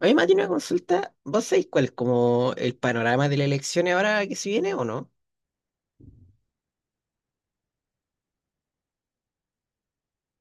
A mí tiene una consulta. ¿Vos sabéis cuál es como el panorama de las elecciones ahora que se viene o no?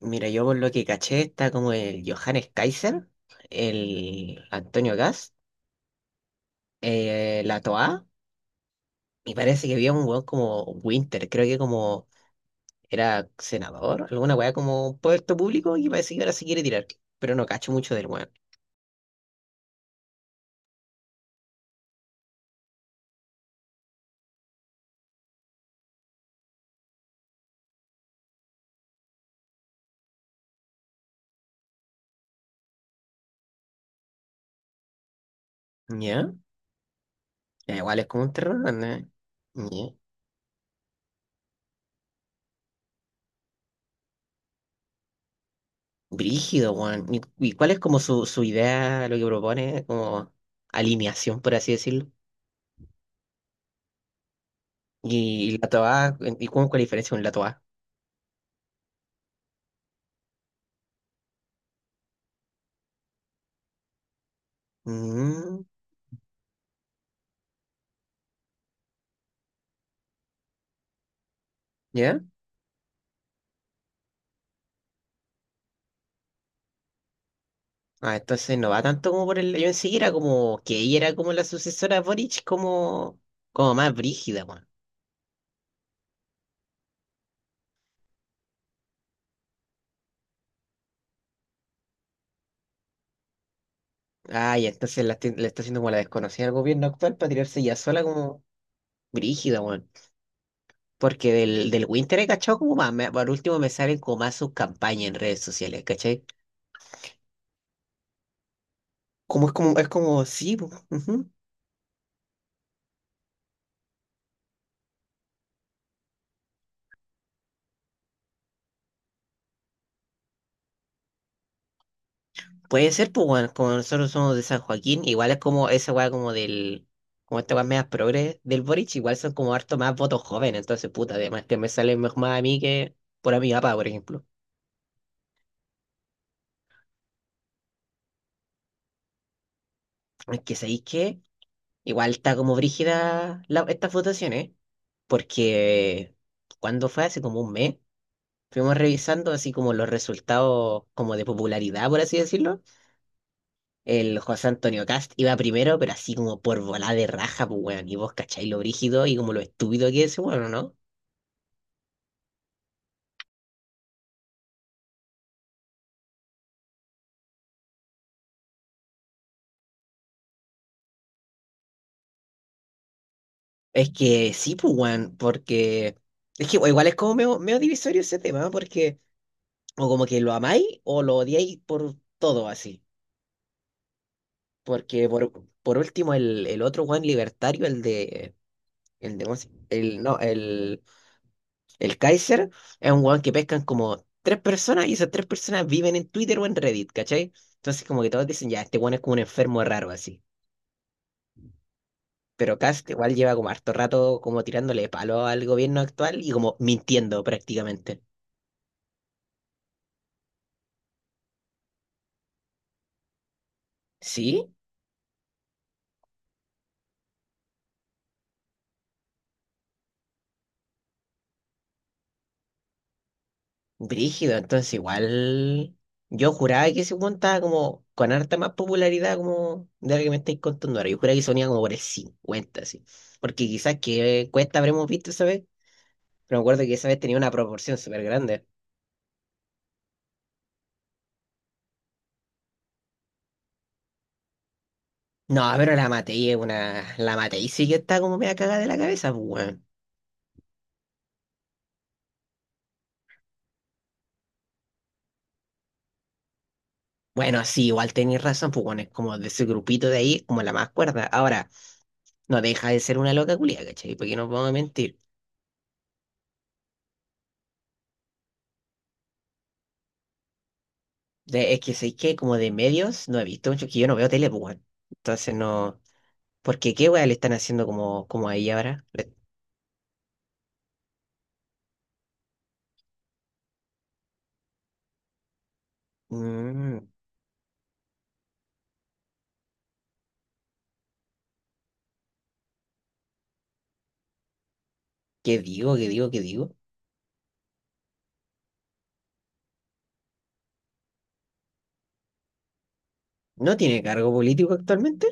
Mira, yo por lo que caché está como el Johannes Kaiser, el Antonio Gas, la Toa, y parece que había un weón como Winter, creo que como era senador, alguna weá como un puesto público y parece que ahora se quiere tirar, pero no cacho mucho del weón. ¿Ya? Ya, igual es como un terror, ¿no? ¿Ya? Brígido, weón. ¿Y cuál es como su idea, lo que propone, como alineación, por así decirlo? Y la toa, ¿y cómo es la diferencia con la toa? Mm, ¿ya? Ah, entonces no va tanto como por el… Yo en sí era como que ella era como la sucesora de Boric, como, como más brígida, weón. Ah, y entonces la está haciendo como la desconocida del gobierno actual para tirarse ya sola como brígida, weón. Porque del Winter he cachado como más, por último me salen como más sus campañas en redes sociales, ¿cachai? Sí, po, ujú. Puede ser, pues, bueno, como nosotros somos de San Joaquín, igual es como esa weá como del, como esta weá media progres del Boric, igual son como harto más votos jóvenes, entonces, puta, además que me sale mejor más a mí que por a mi papá, por ejemplo. Es que sabéis qué igual está como brígida estas votaciones, porque cuando fue hace como un mes, fuimos revisando así como los resultados como de popularidad, por así decirlo. El José Antonio Cast iba primero, pero así como por volada de raja, pues weón. Y vos cacháis lo brígido y como lo estúpido que es, bueno, ¿no? Es que sí, pues weón, porque. Es que igual es como medio divisorio ese tema, ¿ah? Porque o como que lo amáis o lo odiáis por todo así. Porque por último, el otro weón libertario, el de. El de. El, no, el. El Kaiser es un weón que pescan como tres personas y esas tres personas viven en Twitter o en Reddit, ¿cachai? Entonces como que todos dicen, ya, este weón es como un enfermo raro así. Pero Kast igual lleva como harto rato como tirándole palo al gobierno actual y como mintiendo prácticamente. Sí, brígido, entonces igual yo juraba que ese weón estaba como con harta más popularidad como de lo que me estáis contando ahora. Yo juraba que sonía como por el 50 así. Porque quizás que cuesta habremos visto esa vez, pero me acuerdo que esa vez tenía una proporción súper grande. No, pero la Matei es una. La Matei sí que está como media cagada de la cabeza, pues, weón. Bueno, sí, igual tenéis razón, pues, weón, es como de ese grupito de ahí, como la más cuerda. Ahora, no deja de ser una loca culia, ¿cachai? Porque no puedo mentir. Es que sé que como de medios no he visto mucho, que yo no veo tele, pues, weón. Entonces no. Porque qué weón le están haciendo como, como ahí ahora. Mm, ¿qué digo? ¿Qué digo? ¿Qué digo? ¿No tiene cargo político actualmente?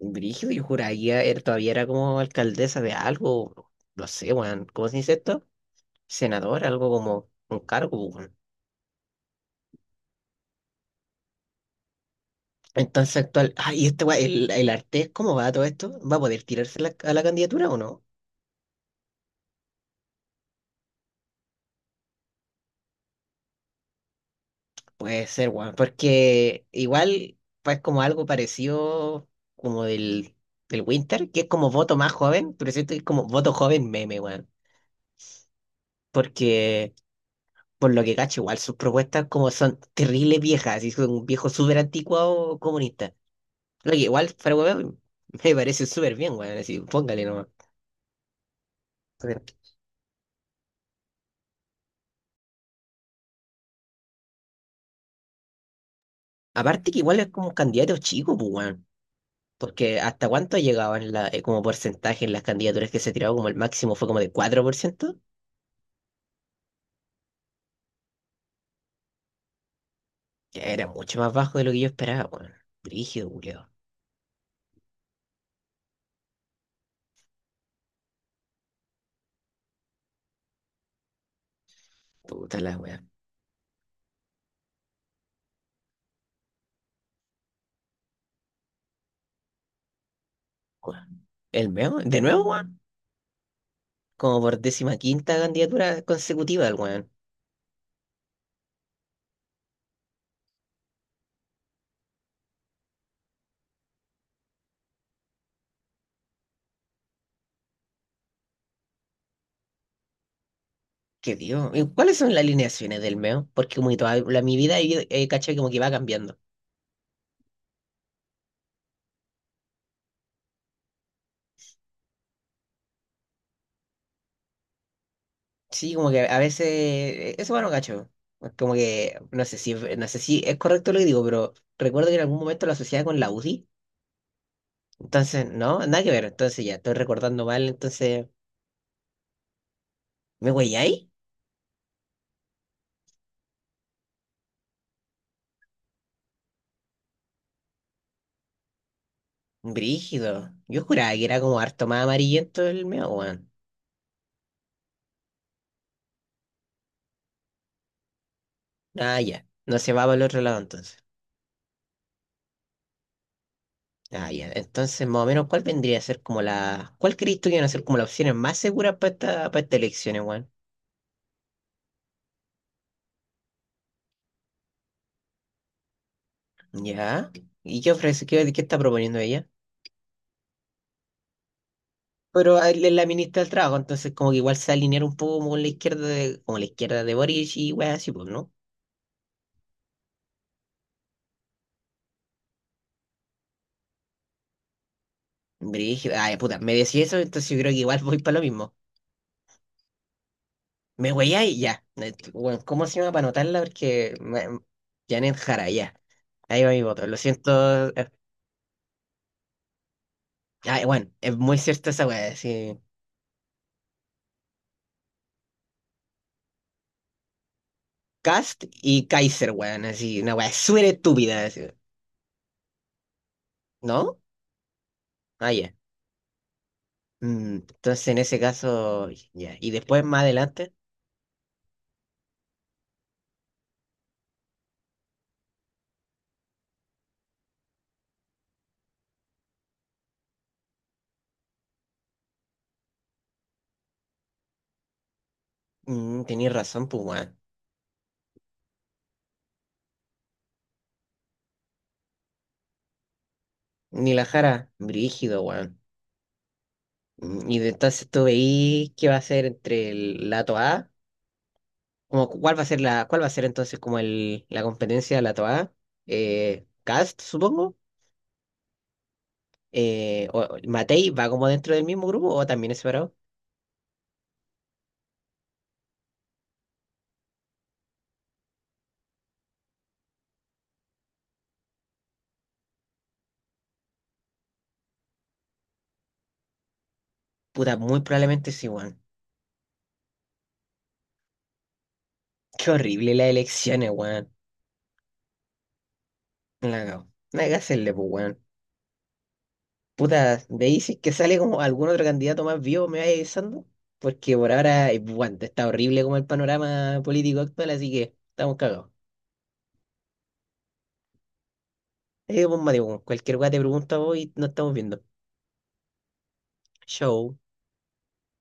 Brígido, yo juraría, él todavía era como alcaldesa de algo. No sé, weón. ¿Cómo se dice esto? Senador, algo como un cargo. Weón. Entonces actual, ah, y este weón, el Artés, ¿cómo va todo esto? ¿Va a poder tirarse a la candidatura o no? Puede ser, weón, porque igual pues como algo parecido como del, del Winter, que es como voto más joven, pero siento que es como voto joven meme, weón. Porque por lo que cacho, igual sus propuestas como son terribles viejas, y son un viejo súper anticuado comunista. Lo que igual, para weón, me parece súper bien, weón, así, póngale nomás. Aparte que igual es como un candidato chico, pues, weón. Porque hasta cuánto ha llegado en la, como porcentaje en las candidaturas que se tiraba, como el máximo fue como de 4%, que era mucho más bajo de lo que yo esperaba, weón. Brígido, culiao. Puta la weá. Weón. El meo, de nuevo, weón. Como por décima quinta candidatura consecutiva del weón. Qué dios. ¿Y cuáles son las alineaciones del meo? Porque como que toda la, mi vida he cachado como que va cambiando. Sí, como que a veces, eso bueno, cacho. Como que, no sé si es correcto lo que digo, pero recuerdo que en algún momento lo asociaba con la UDI. Entonces, no, nada que ver. Entonces ya estoy recordando mal. Entonces, ¿me ahí? Brígido. Yo juraba que era como harto más amarillento el mío, weón. Ah, ya. No se va para el otro lado entonces. Ah, ya. Entonces, más o menos, ¿cuál vendría a ser como la. ¿Cuál crees tú que van a ser como las opciones más seguras para estas elecciones, weón? Ya. ¿Y qué ofrece? ¿Qué está proponiendo ella? Pero él es la ministra del Trabajo, entonces como que igual se alinearon un poco como con la izquierda de, como la izquierda de Boric y weas así, pues, ¿no? Brígido, ay, puta, me decís eso, entonces yo creo que igual voy para lo mismo. Me y ya. Bueno, ¿cómo se llama para anotarla? Porque Janet Jara, ya. Ahí va mi voto. Lo siento. Ay, bueno, es muy cierta esa wea, así. Cast y Kaiser, weón, así, una wea súper estúpida, así, ¿no? Ah, ya. Mm, entonces en ese caso, ya. Y después más adelante, mm, tenías razón, pues, weón. Ni la Jara, brígido, weón. Mm, entonces tú veís qué va a ser entre el, la TOA, como cuál va a ser la, cuál va a ser entonces como el, la competencia de la TOA, Cast, supongo, o Matei va como dentro del mismo grupo o también es separado. Puta, muy probablemente sí, weón. Qué horrible las elecciones, weón. La cago. No hay que hacerle, pues, weón. Puta, me dices que sale como algún otro candidato más vivo, me vaya avisando, porque por ahora, bueno, está horrible como el panorama político actual, así que estamos cagados. Pues, Mateo, cualquier weá te pregunto a vos y nos estamos viendo. Show